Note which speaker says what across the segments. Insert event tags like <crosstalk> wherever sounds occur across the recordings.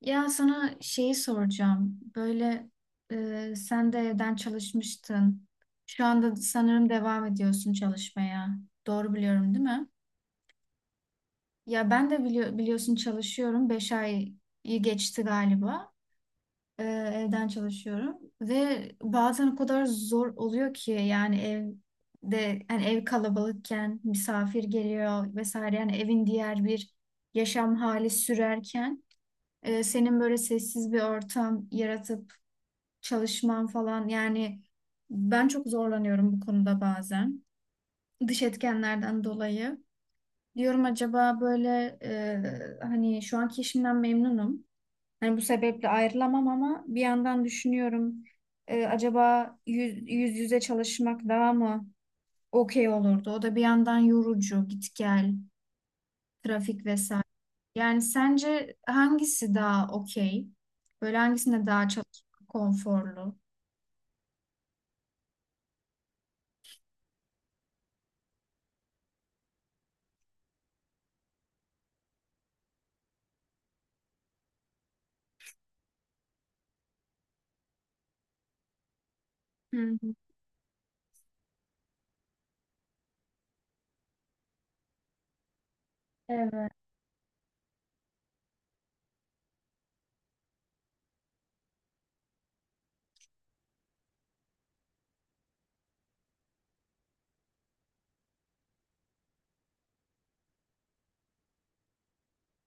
Speaker 1: Ya sana şeyi soracağım. Böyle sen de evden çalışmıştın. Şu anda sanırım devam ediyorsun çalışmaya. Doğru biliyorum, değil mi? Ya ben de biliyorsun çalışıyorum. Beş ayı geçti galiba. Evden çalışıyorum. Ve bazen o kadar zor oluyor ki yani evde yani ev kalabalıkken misafir geliyor vesaire. Yani evin diğer bir yaşam hali sürerken senin böyle sessiz bir ortam yaratıp çalışmam falan yani ben çok zorlanıyorum bu konuda bazen. Dış etkenlerden dolayı. Diyorum acaba böyle hani şu anki işimden memnunum. Hani bu sebeple ayrılamam ama bir yandan düşünüyorum acaba yüz yüze çalışmak daha mı okey olurdu? O da bir yandan yorucu, git gel, trafik vesaire. Yani sence hangisi daha okey? Böyle hangisinde daha çalışmak konforlu? Hı hı. Evet.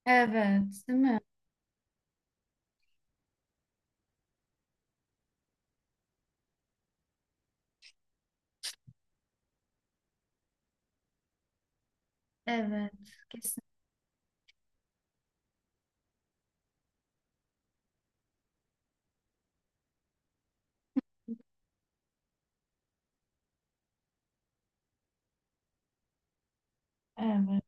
Speaker 1: Evet, değil mi? Evet, kesin. Evet.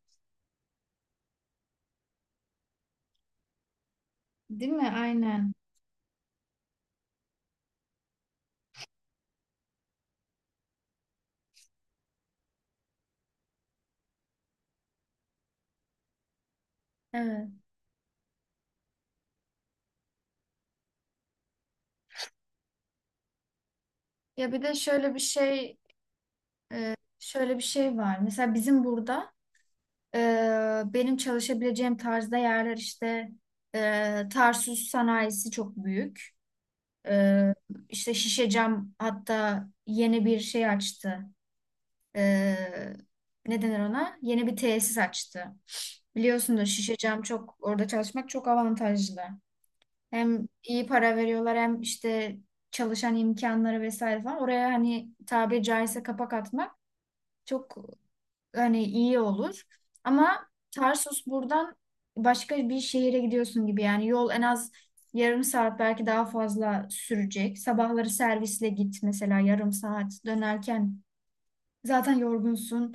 Speaker 1: Değil mi? Aynen. Evet. Ya bir de şöyle bir şey, şöyle bir şey var. Mesela bizim burada e, benim çalışabileceğim tarzda yerler işte Tarsus sanayisi çok büyük. E, işte Şişecam hatta yeni bir şey açtı. E, Ne denir ona? Yeni bir tesis açtı. Biliyorsunuz Şişecam çok orada çalışmak çok avantajlı. Hem iyi para veriyorlar hem işte çalışan imkanları vesaire falan. Oraya hani tabiri caizse kapak atmak çok hani iyi olur. Ama Tarsus buradan başka bir şehire gidiyorsun gibi yani yol en az yarım saat belki daha fazla sürecek. Sabahları servisle git mesela yarım saat dönerken zaten yorgunsun.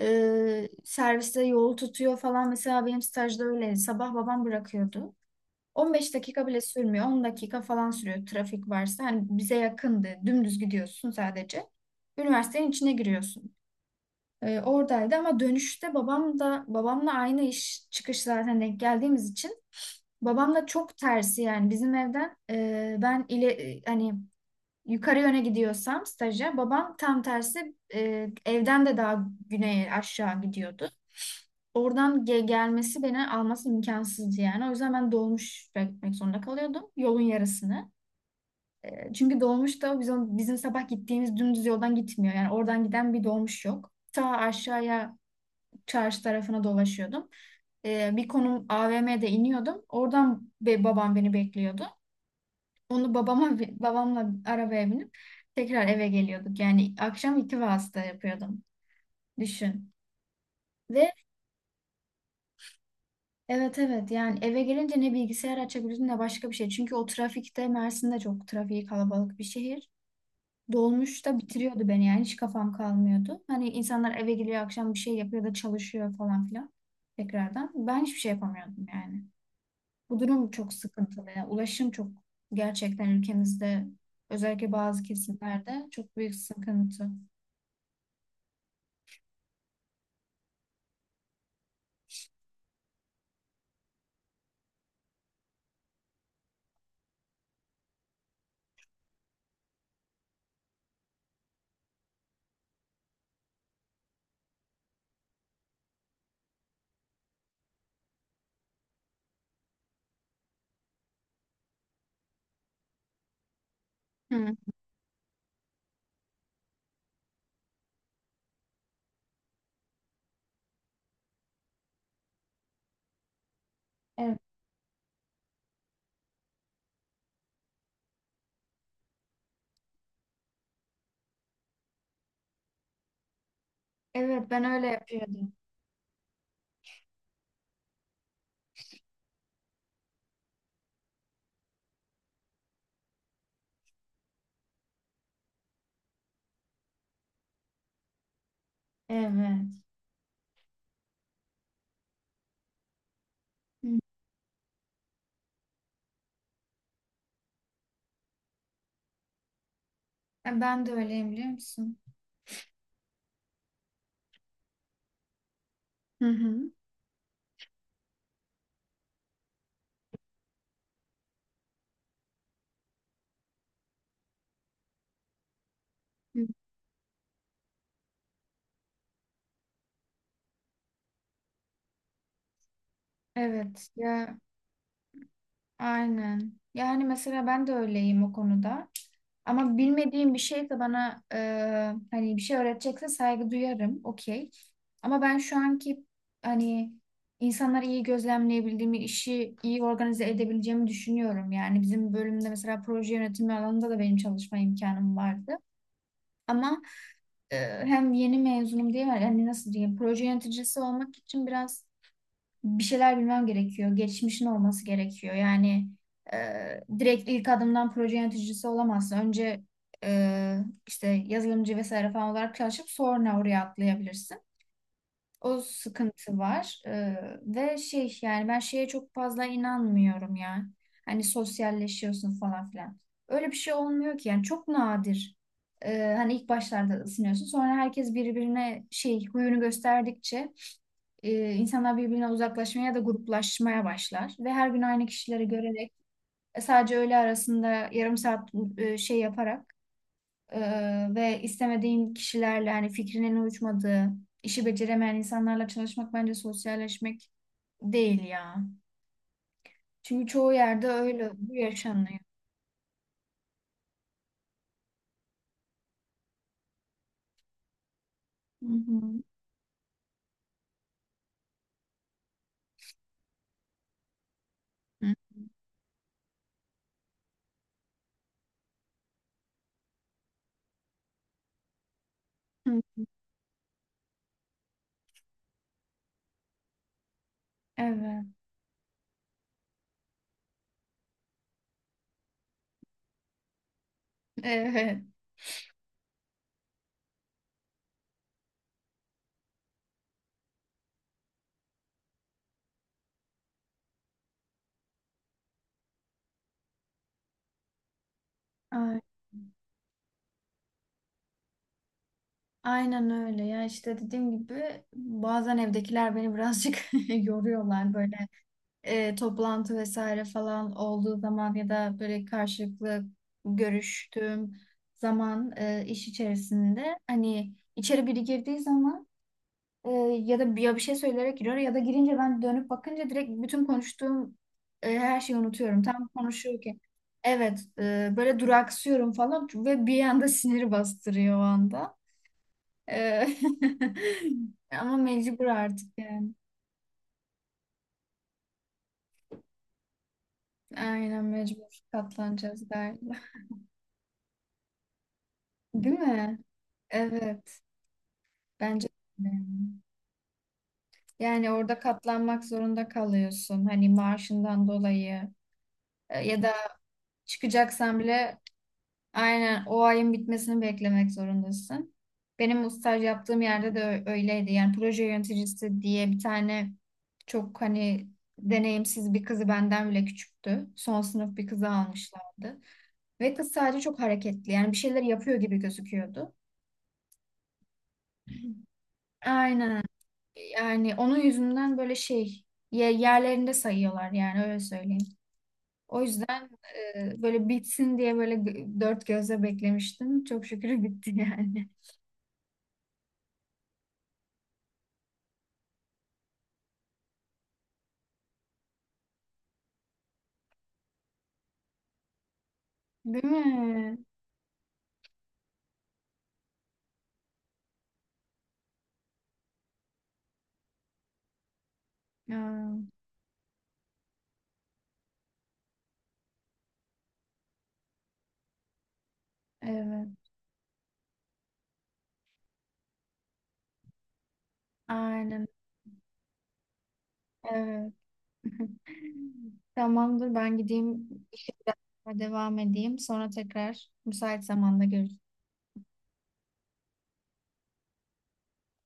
Speaker 1: Serviste yol tutuyor falan mesela benim stajda öyle sabah babam bırakıyordu. 15 dakika bile sürmüyor. 10 dakika falan sürüyor trafik varsa. Hani bize yakındı. Dümdüz gidiyorsun sadece. Üniversitenin içine giriyorsun. Oradaydı ama dönüşte babam da babamla aynı iş çıkış zaten denk geldiğimiz için babamla çok tersi yani bizim evden ben ile hani yukarı yöne gidiyorsam staja babam tam tersi evden de daha güneye aşağı gidiyordu. Oradan gelmesi beni alması imkansızdı yani. O yüzden ben dolmuş beklemek zorunda kalıyordum yolun yarısını. Çünkü dolmuş da bizim sabah gittiğimiz dümdüz yoldan gitmiyor. Yani oradan giden bir dolmuş yok. Ta aşağıya çarşı tarafına dolaşıyordum. Bir konum AVM'de iniyordum. Oradan babam beni bekliyordu. Onu babamla arabaya binip tekrar eve geliyorduk. Yani akşam iki vasıta yapıyordum. Düşün. ve Evet evet yani eve gelince ne bilgisayar açabiliyorsun ne başka bir şey. Çünkü o trafikte Mersin'de çok trafiği kalabalık bir şehir. Dolmuş da bitiriyordu beni yani hiç kafam kalmıyordu. Hani insanlar eve geliyor akşam bir şey yapıyor da çalışıyor falan filan tekrardan. Ben hiçbir şey yapamıyordum yani. Bu durum çok sıkıntılı. Yani ulaşım çok gerçekten ülkemizde özellikle bazı kesimlerde çok büyük sıkıntı. Hı. Evet, evet ben öyle yapıyordum. Evet. Hı. Ben de öyleyim biliyor musun? Hı hı. Evet ya aynen. Yani mesela ben de öyleyim o konuda. Ama bilmediğim bir şeyse bana hani bir şey öğretecekse saygı duyarım. Okey. Ama ben şu anki hani insanları iyi gözlemleyebildiğimi, işi iyi organize edebileceğimi düşünüyorum. Yani bizim bölümde mesela proje yönetimi alanında da benim çalışma imkanım vardı. Ama e, hem yeni mezunum diye yani nasıl diyeyim proje yöneticisi olmak için biraz bir şeyler bilmem gerekiyor. Geçmişin olması gerekiyor. Yani e, direkt ilk adımdan proje yöneticisi olamazsın. Önce e, işte yazılımcı vesaire falan olarak çalışıp sonra oraya atlayabilirsin. O sıkıntı var. Ve şey yani ben şeye çok fazla inanmıyorum ya. Hani sosyalleşiyorsun falan filan. Öyle bir şey olmuyor ki yani çok nadir. Hani ilk başlarda ısınıyorsun. Sonra herkes birbirine şey huyunu gösterdikçe insanlar birbirine uzaklaşmaya ya da gruplaşmaya başlar. Ve her gün aynı kişileri görerek sadece öğle arasında yarım saat şey yaparak ve istemediğin kişilerle hani fikrinin uyuşmadığı, işi beceremeyen insanlarla çalışmak bence sosyalleşmek değil ya. Çünkü çoğu yerde öyle bu yaşanıyor. Hı hı. Hı hı. Evet, evet. Ay- Aynen öyle ya işte dediğim gibi bazen evdekiler beni birazcık <laughs> yoruyorlar böyle toplantı vesaire falan olduğu zaman ya da böyle karşılıklı görüştüğüm zaman iş içerisinde hani içeri biri girdiği zaman e, ya da ya bir şey söyleyerek giriyor ya da girince ben dönüp bakınca direkt bütün konuştuğum her şeyi unutuyorum. Tam konuşuyorken. Evet, böyle duraksıyorum falan ve bir anda siniri bastırıyor o anda. E, <laughs> ama mecbur artık yani. Aynen mecbur katlanacağız galiba. Değil mi? Evet, bence de. Yani orada katlanmak zorunda kalıyorsun. Hani maaşından dolayı. Ya da çıkacaksan bile aynen o ayın bitmesini beklemek zorundasın. Benim bu staj yaptığım yerde de öyleydi. Yani proje yöneticisi diye bir tane çok hani deneyimsiz bir kızı benden bile küçüktü. Son sınıf bir kızı almışlardı. Ve kız sadece çok hareketli. Yani bir şeyler yapıyor gibi gözüküyordu. Aynen. Yani onun yüzünden böyle şey yerlerinde sayıyorlar yani öyle söyleyeyim. O yüzden böyle bitsin diye böyle dört gözle beklemiştim. Çok şükür bitti yani. <laughs> Değil mi? Ya, evet. Aynen. Evet. <laughs> Tamamdır ben gideyim işe devam edeyim. Sonra tekrar müsait zamanda görüşürüz.